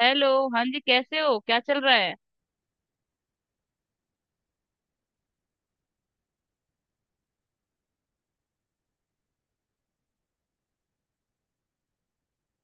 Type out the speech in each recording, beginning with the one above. Hello. हाँ जी, कैसे हो? क्या चल रहा है?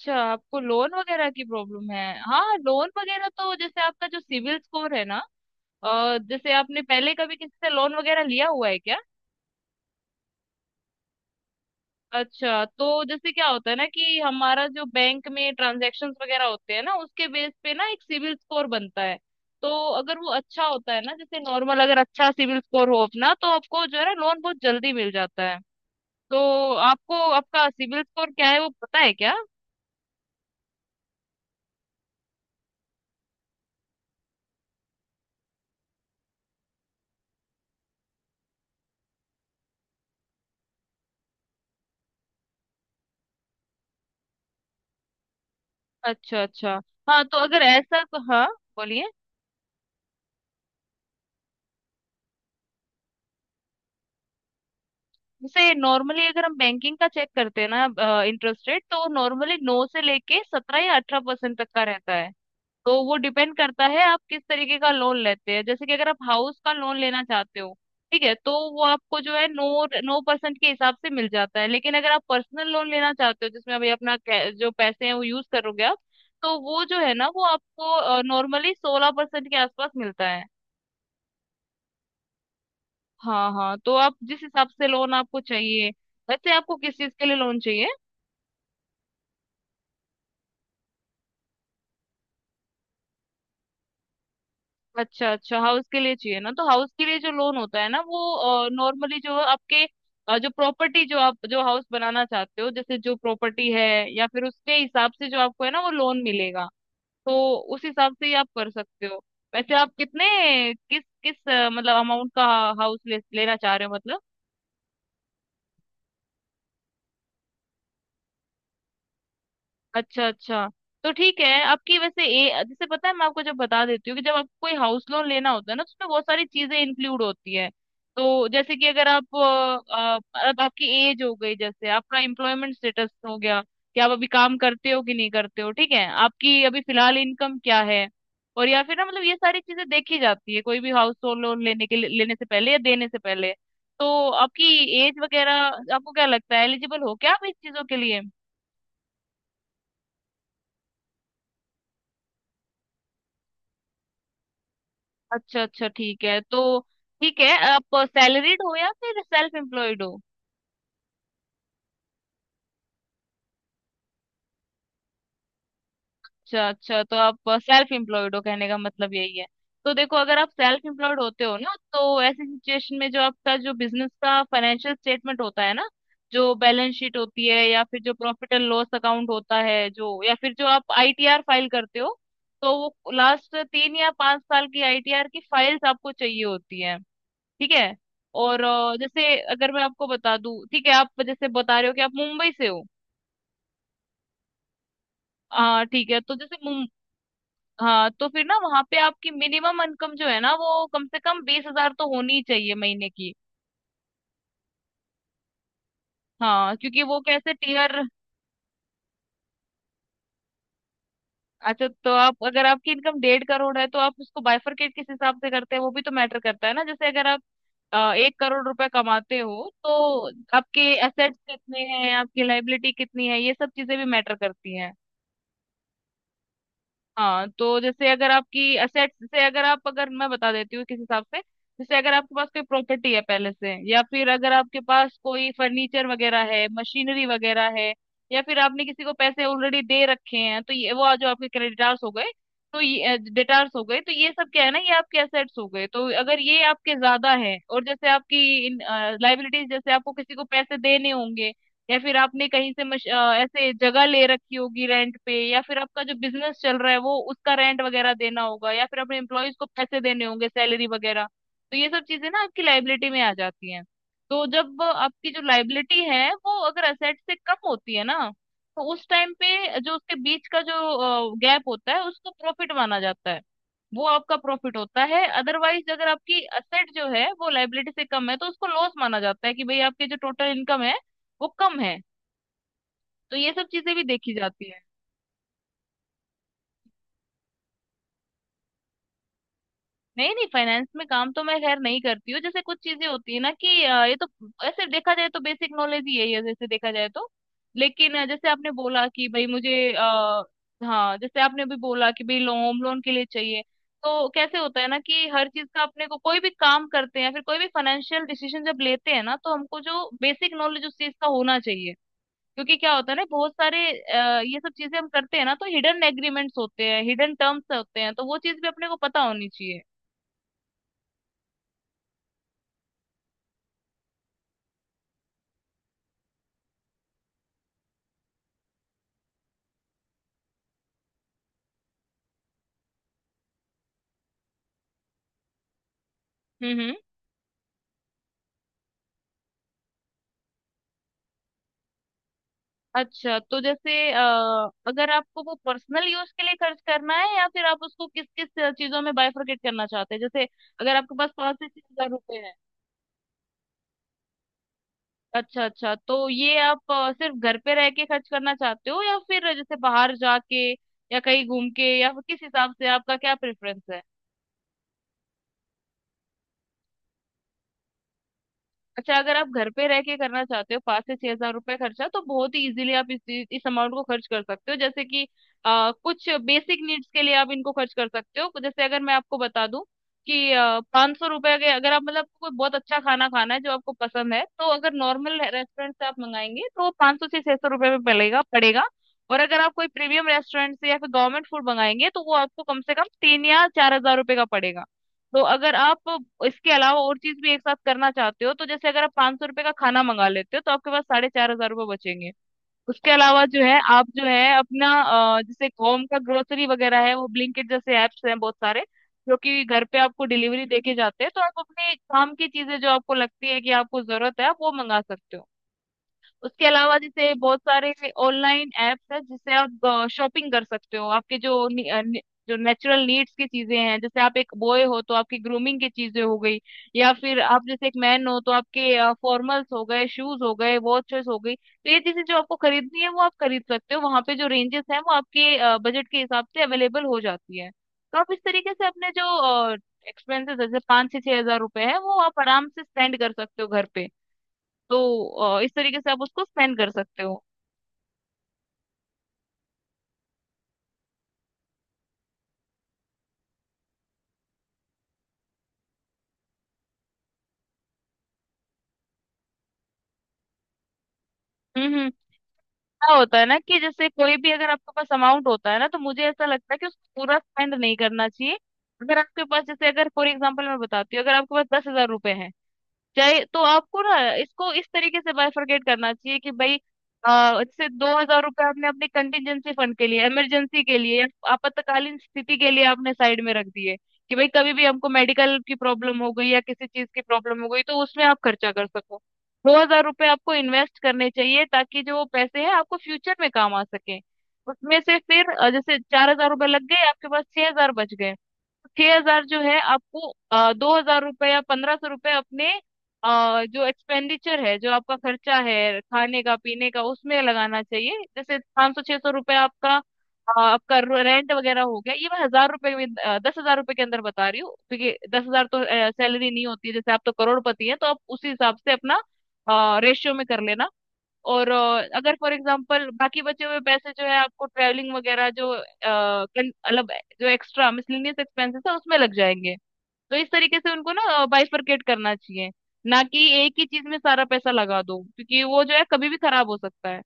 अच्छा, आपको लोन वगैरह की प्रॉब्लम है। हाँ लोन वगैरह तो जैसे आपका जो सिविल स्कोर है ना, जैसे आपने पहले कभी किसी से लोन वगैरह लिया हुआ है क्या? अच्छा, तो जैसे क्या होता है ना कि हमारा जो बैंक में ट्रांजैक्शंस वगैरह होते हैं ना, उसके बेस पे ना एक सिविल स्कोर बनता है। तो अगर वो अच्छा होता है ना, जैसे नॉर्मल अगर अच्छा सिविल स्कोर हो अपना तो आपको जो है ना लोन बहुत जल्दी मिल जाता है। तो आपको आपका सिविल स्कोर क्या है वो पता है क्या? अच्छा अच्छा। हाँ तो अगर ऐसा तो हाँ, बोलिए। जैसे नॉर्मली अगर हम बैंकिंग का चेक करते हैं ना इंटरेस्ट रेट, तो नॉर्मली नौ से लेके 17 या 18% तक का रहता है। तो वो डिपेंड करता है आप किस तरीके का लोन लेते हैं, जैसे कि अगर आप हाउस का लोन लेना चाहते हो। ठीक है, तो वो आपको जो है 9 9% के हिसाब से मिल जाता है, लेकिन अगर आप पर्सनल लोन लेना चाहते हो जिसमें अभी अपना जो पैसे हैं वो यूज करोगे आप, तो वो जो है ना वो आपको नॉर्मली 16% के आसपास मिलता है। हाँ हाँ, तो आप जिस हिसाब से लोन आपको चाहिए, वैसे आपको किस चीज के लिए लोन चाहिए? अच्छा अच्छा, हाउस के लिए चाहिए ना, तो हाउस के लिए जो लोन होता है ना वो नॉर्मली जो आपके जो प्रॉपर्टी जो आप जो हाउस बनाना चाहते हो जैसे जो प्रॉपर्टी है, या फिर उसके हिसाब से जो आपको है ना वो लोन मिलेगा। तो उस हिसाब से ही आप कर सकते हो। वैसे आप कितने किस किस मतलब अमाउंट का हाउस लेना चाह रहे हो मतलब? अच्छा अच्छा, तो ठीक है। आपकी वैसे ए जैसे पता है मैं आपको जब बता देती हूँ कि जब आपको कोई हाउस लोन लेना होता है ना, तो उसमें बहुत सारी चीजें इंक्लूड होती है। तो जैसे कि अगर आप अब आपकी एज हो गई, जैसे आपका एम्प्लॉयमेंट स्टेटस हो गया कि आप अभी काम करते हो कि नहीं करते हो, ठीक है। आपकी अभी फिलहाल इनकम क्या है, और या फिर ना मतलब ये सारी चीजें देखी जाती है कोई भी हाउस लोन लेने के लेने से पहले या देने से पहले। तो आपकी एज वगैरह आपको क्या लगता है एलिजिबल हो क्या आप इस चीजों के लिए? अच्छा अच्छा, ठीक है तो, ठीक है। आप सैलरीड हो या फिर सेल्फ एम्प्लॉयड हो? अच्छा अच्छा, तो आप सेल्फ एम्प्लॉयड हो कहने का मतलब यही है। तो देखो अगर आप सेल्फ एम्प्लॉयड होते हो ना, तो ऐसी सिचुएशन में जो आपका जो बिजनेस का फाइनेंशियल स्टेटमेंट होता है ना, जो बैलेंस शीट होती है या फिर जो प्रॉफिट एंड लॉस अकाउंट होता है जो, या फिर जो आप आईटीआर फाइल करते हो, तो वो लास्ट 3 या 5 साल की आईटीआर की फाइल्स आपको चाहिए होती है। ठीक है। और जैसे अगर मैं आपको बता दूं ठीक है, आप जैसे बता रहे हो कि आप मुंबई से हो। हाँ ठीक है, तो जैसे हाँ तो फिर ना वहां पे आपकी मिनिमम इनकम जो है ना, वो कम से कम 20,000 तो होनी ही चाहिए महीने की। हाँ क्योंकि वो कैसे टीयर, अच्छा तो आप अगर आपकी इनकम 1.5 करोड़ है तो आप उसको बाइफरकेट किस हिसाब से करते हैं वो भी तो मैटर करता है ना। जैसे अगर आप 1 करोड़ रुपए कमाते हो तो आपके एसेट्स कितने हैं, आपकी लाइबिलिटी कितनी है, ये सब चीजें भी मैटर करती हैं। हाँ तो जैसे अगर आपकी असेट्स से अगर आप अगर मैं बता देती हूँ किस हिसाब से, जैसे अगर आपके पास कोई प्रॉपर्टी है पहले से, या फिर अगर आपके पास कोई फर्नीचर वगैरह है मशीनरी वगैरह है, या फिर आपने किसी को पैसे ऑलरेडी दे रखे हैं, तो ये वो आज जो आपके क्रेडिटार्स हो गए, तो ये डेटार्स हो गए, तो ये सब क्या है ना ये आपके एसेट्स हो गए। तो अगर ये आपके ज्यादा है और जैसे आपकी लाइबिलिटीज, जैसे आपको किसी को पैसे देने होंगे, या फिर आपने कहीं से ऐसे जगह ले रखी होगी रेंट पे, या फिर आपका जो बिजनेस चल रहा है वो उसका रेंट वगैरह देना होगा, या फिर अपने एम्प्लॉयज को पैसे देने होंगे सैलरी वगैरह, तो ये सब चीजें ना आपकी लाइबिलिटी में आ जाती हैं। तो जब आपकी जो लाइबिलिटी है वो अगर असेट से कम होती है ना, तो उस टाइम पे जो उसके बीच का जो गैप होता है उसको प्रॉफिट माना जाता है, वो आपका प्रॉफिट होता है। अदरवाइज अगर आपकी असेट जो है वो लाइबिलिटी से कम है तो उसको लॉस माना जाता है कि भाई आपके जो टोटल इनकम है वो कम है। तो ये सब चीजें भी देखी जाती है। नहीं नहीं, फाइनेंस में काम तो मैं खैर नहीं करती हूँ। जैसे कुछ चीजें होती है ना कि ये तो ऐसे देखा जाए तो बेसिक नॉलेज ही है ये, जैसे देखा जाए तो। लेकिन जैसे आपने बोला कि भाई मुझे हाँ जैसे आपने अभी बोला कि भाई लोन होम लोन के लिए चाहिए। तो कैसे होता है ना कि हर चीज का अपने को कोई भी काम करते हैं या फिर कोई भी फाइनेंशियल डिसीजन जब लेते हैं ना, तो हमको जो बेसिक नॉलेज उस चीज का होना चाहिए। क्योंकि क्या होता है ना, बहुत सारे ये सब चीजें हम करते हैं ना, तो हिडन एग्रीमेंट्स होते हैं, हिडन टर्म्स होते हैं, तो वो चीज भी अपने को पता होनी चाहिए। हम्म। अच्छा तो जैसे अगर आपको वो पर्सनल यूज के लिए खर्च करना है या फिर आप उसको किस किस चीजों में बाइफरकेट करना चाहते हैं? जैसे अगर आपके पास 5 से 6 हजार रुपए हैं। अच्छा अच्छा, तो ये आप सिर्फ घर पे रह के खर्च करना चाहते हो या फिर जैसे बाहर जाके या कहीं घूम के, या फिर किस हिसाब से आपका क्या प्रेफरेंस है? अच्छा, अगर आप घर पे रह के करना चाहते हो 5 से 6 हजार रुपए खर्चा, तो बहुत ही इजीली आप इस अमाउंट को खर्च कर सकते हो। जैसे कि कुछ बेसिक नीड्स के लिए आप इनको खर्च कर सकते हो। जैसे अगर मैं आपको बता दूं कि 500 रुपए के अगर आप मतलब कोई बहुत अच्छा खाना खाना है जो आपको पसंद है, तो अगर नॉर्मल रेस्टोरेंट से आप मंगाएंगे तो 500 से 600 रुपए में पड़ेगा पड़ेगा। और अगर आप कोई प्रीमियम रेस्टोरेंट से या फिर गवर्नमेंट फूड मंगाएंगे तो वो आपको कम से कम 3 या 4 हजार रुपए का पड़ेगा। तो अगर आप इसके अलावा और चीज भी एक साथ करना चाहते हो तो जैसे अगर आप 500 रुपये का खाना मंगा लेते हो तो आपके पास 4,500 रुपये बचेंगे। उसके अलावा जो है आप जो है अपना जैसे होम का ग्रोसरी वगैरह है वो ब्लिंकिट जैसे एप्स हैं बहुत सारे, जो कि घर पे आपको डिलीवरी देके जाते हैं। तो आप अपने काम की चीजें जो आपको लगती है कि आपको जरूरत है आप वो मंगा सकते हो। उसके अलावा जैसे बहुत सारे ऑनलाइन एप्स है जिससे आप शॉपिंग कर सकते हो आपके जो जो नेचुरल नीड्स की चीजें हैं, जैसे आप एक बॉय हो तो आपकी ग्रूमिंग की चीजें हो गई, या फिर आप जैसे एक मैन हो तो आपके फॉर्मल्स हो गए, शूज हो गए, वॉचेस हो गई, तो ये चीजें जो आपको खरीदनी है वो आप खरीद सकते हो। वहां पे जो रेंजेस हैं वो आपके बजट के हिसाब से अवेलेबल हो जाती है। तो आप इस तरीके से अपने जो एक्सपेंसेस जैसे 5 से 6 हजार रुपए है वो आप आराम से स्पेंड कर सकते हो घर पे। तो इस तरीके से आप उसको स्पेंड कर सकते हो। हम्म। क्या होता है ना कि जैसे कोई भी अगर आपके पास अमाउंट होता है ना, तो मुझे ऐसा लगता है कि उसको पूरा स्पेंड नहीं करना चाहिए। अगर आपके पास जैसे अगर फॉर एग्जाम्पल मैं बताती हूँ, अगर आपके पास 10,000 रुपए हैं चाहे, तो आपको ना इसको इस तरीके से बाइफरकेट करना चाहिए कि भाई जैसे 2,000 रुपये आपने अपने कंटिजेंसी फंड के लिए, इमरजेंसी के लिए, आपातकालीन स्थिति के लिए आपने साइड में रख दिए कि भाई कभी भी हमको मेडिकल की प्रॉब्लम हो गई या किसी चीज की प्रॉब्लम हो गई तो उसमें आप खर्चा कर सको। 2,000 रुपये आपको इन्वेस्ट करने चाहिए ताकि जो वो पैसे हैं आपको फ्यूचर में काम आ सके। उसमें से फिर जैसे 4,000 रुपये लग गए आपके पास 6,000 बच गए। 6,000 जो है आपको 2,000 रुपए या 1,500 रुपए अपने जो एक्सपेंडिचर है जो आपका खर्चा है खाने का पीने का उसमें लगाना चाहिए। जैसे 500 600 रुपये आपका आपका रेंट वगैरह हो गया। ये मैं हजार रुपए में 10,000 रुपए के अंदर बता रही हूँ क्योंकि 10,000 तो सैलरी नहीं होती है, जैसे आप तो करोड़पति हैं तो आप उसी हिसाब से अपना रेशियो में कर लेना। और अगर फॉर एग्जांपल बाकी बचे हुए पैसे जो है आपको ट्रैवलिंग वगैरह जो मतलब जो एक्स्ट्रा मिसलिनियस एक्सपेंसेस है उसमें लग जाएंगे। तो इस तरीके से उनको ना बाइफरकेट करना चाहिए, ना कि एक ही चीज में सारा पैसा लगा दो क्योंकि वो जो है कभी भी खराब हो सकता है।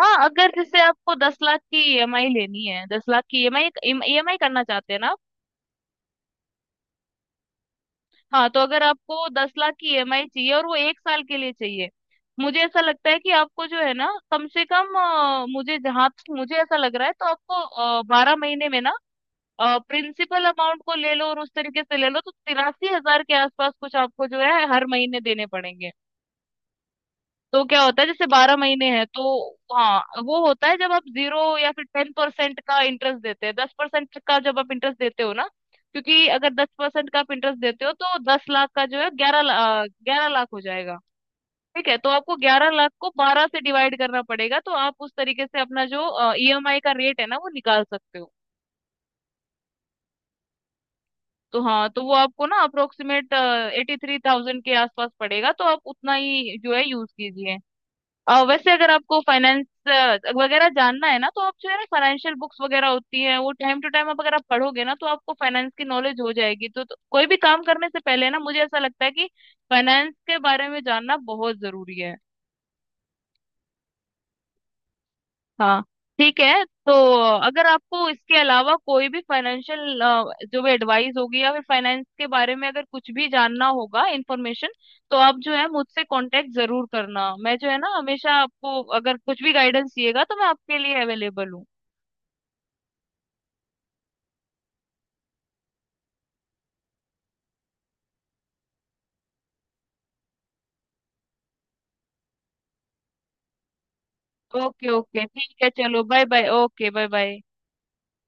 हाँ अगर जैसे आपको 10 लाख की ईएमआई लेनी है, 10 लाख की ईएमआई ईएमआई करना चाहते हैं ना आप? हाँ तो अगर आपको दस लाख की ईएमआई चाहिए और वो 1 साल के लिए चाहिए, मुझे ऐसा लगता है कि आपको जो है ना कम से कम मुझे जहां तक मुझे ऐसा लग रहा है तो आपको 12 महीने में ना प्रिंसिपल अमाउंट को ले लो और उस तरीके से ले लो तो 83,000 के आसपास कुछ आपको जो है हर महीने देने पड़ेंगे। तो क्या होता है जैसे 12 महीने हैं तो, हाँ वो होता है जब आप 0 या फिर 10% का इंटरेस्ट देते हैं। 10% का जब आप इंटरेस्ट देते हो ना, क्योंकि अगर 10% का आप इंटरेस्ट देते हो तो 10 लाख का जो है 11 लाख हो जाएगा। ठीक है, तो आपको 11 लाख को 12 से डिवाइड करना पड़ेगा तो आप उस तरीके से अपना जो ईएमआई का रेट है ना वो निकाल सकते हो। तो हाँ, तो वो आपको ना अप्रोक्सीमेट 83,000 के आसपास पड़ेगा, तो आप उतना ही जो है यूज कीजिए। वैसे अगर आपको फाइनेंस वगैरह जानना है ना, तो आप जो है ना फाइनेंशियल बुक्स वगैरह होती है वो टाइम टू टाइम आप अगर आप पढ़ोगे ना तो आपको फाइनेंस की नॉलेज हो जाएगी। तो कोई भी काम करने से पहले ना मुझे ऐसा लगता है कि फाइनेंस के बारे में जानना बहुत जरूरी है। हाँ, ठीक है। तो अगर आपको इसके अलावा कोई भी फाइनेंशियल जो भी एडवाइस होगी या फिर फाइनेंस के बारे में अगर कुछ भी जानना होगा इंफॉर्मेशन, तो आप जो है मुझसे कांटेक्ट जरूर करना। मैं जो है ना हमेशा आपको, अगर कुछ भी गाइडेंस चाहिएगा तो मैं आपके लिए अवेलेबल हूँ। ओके ओके, ठीक है चलो, bye bye, okay bye bye.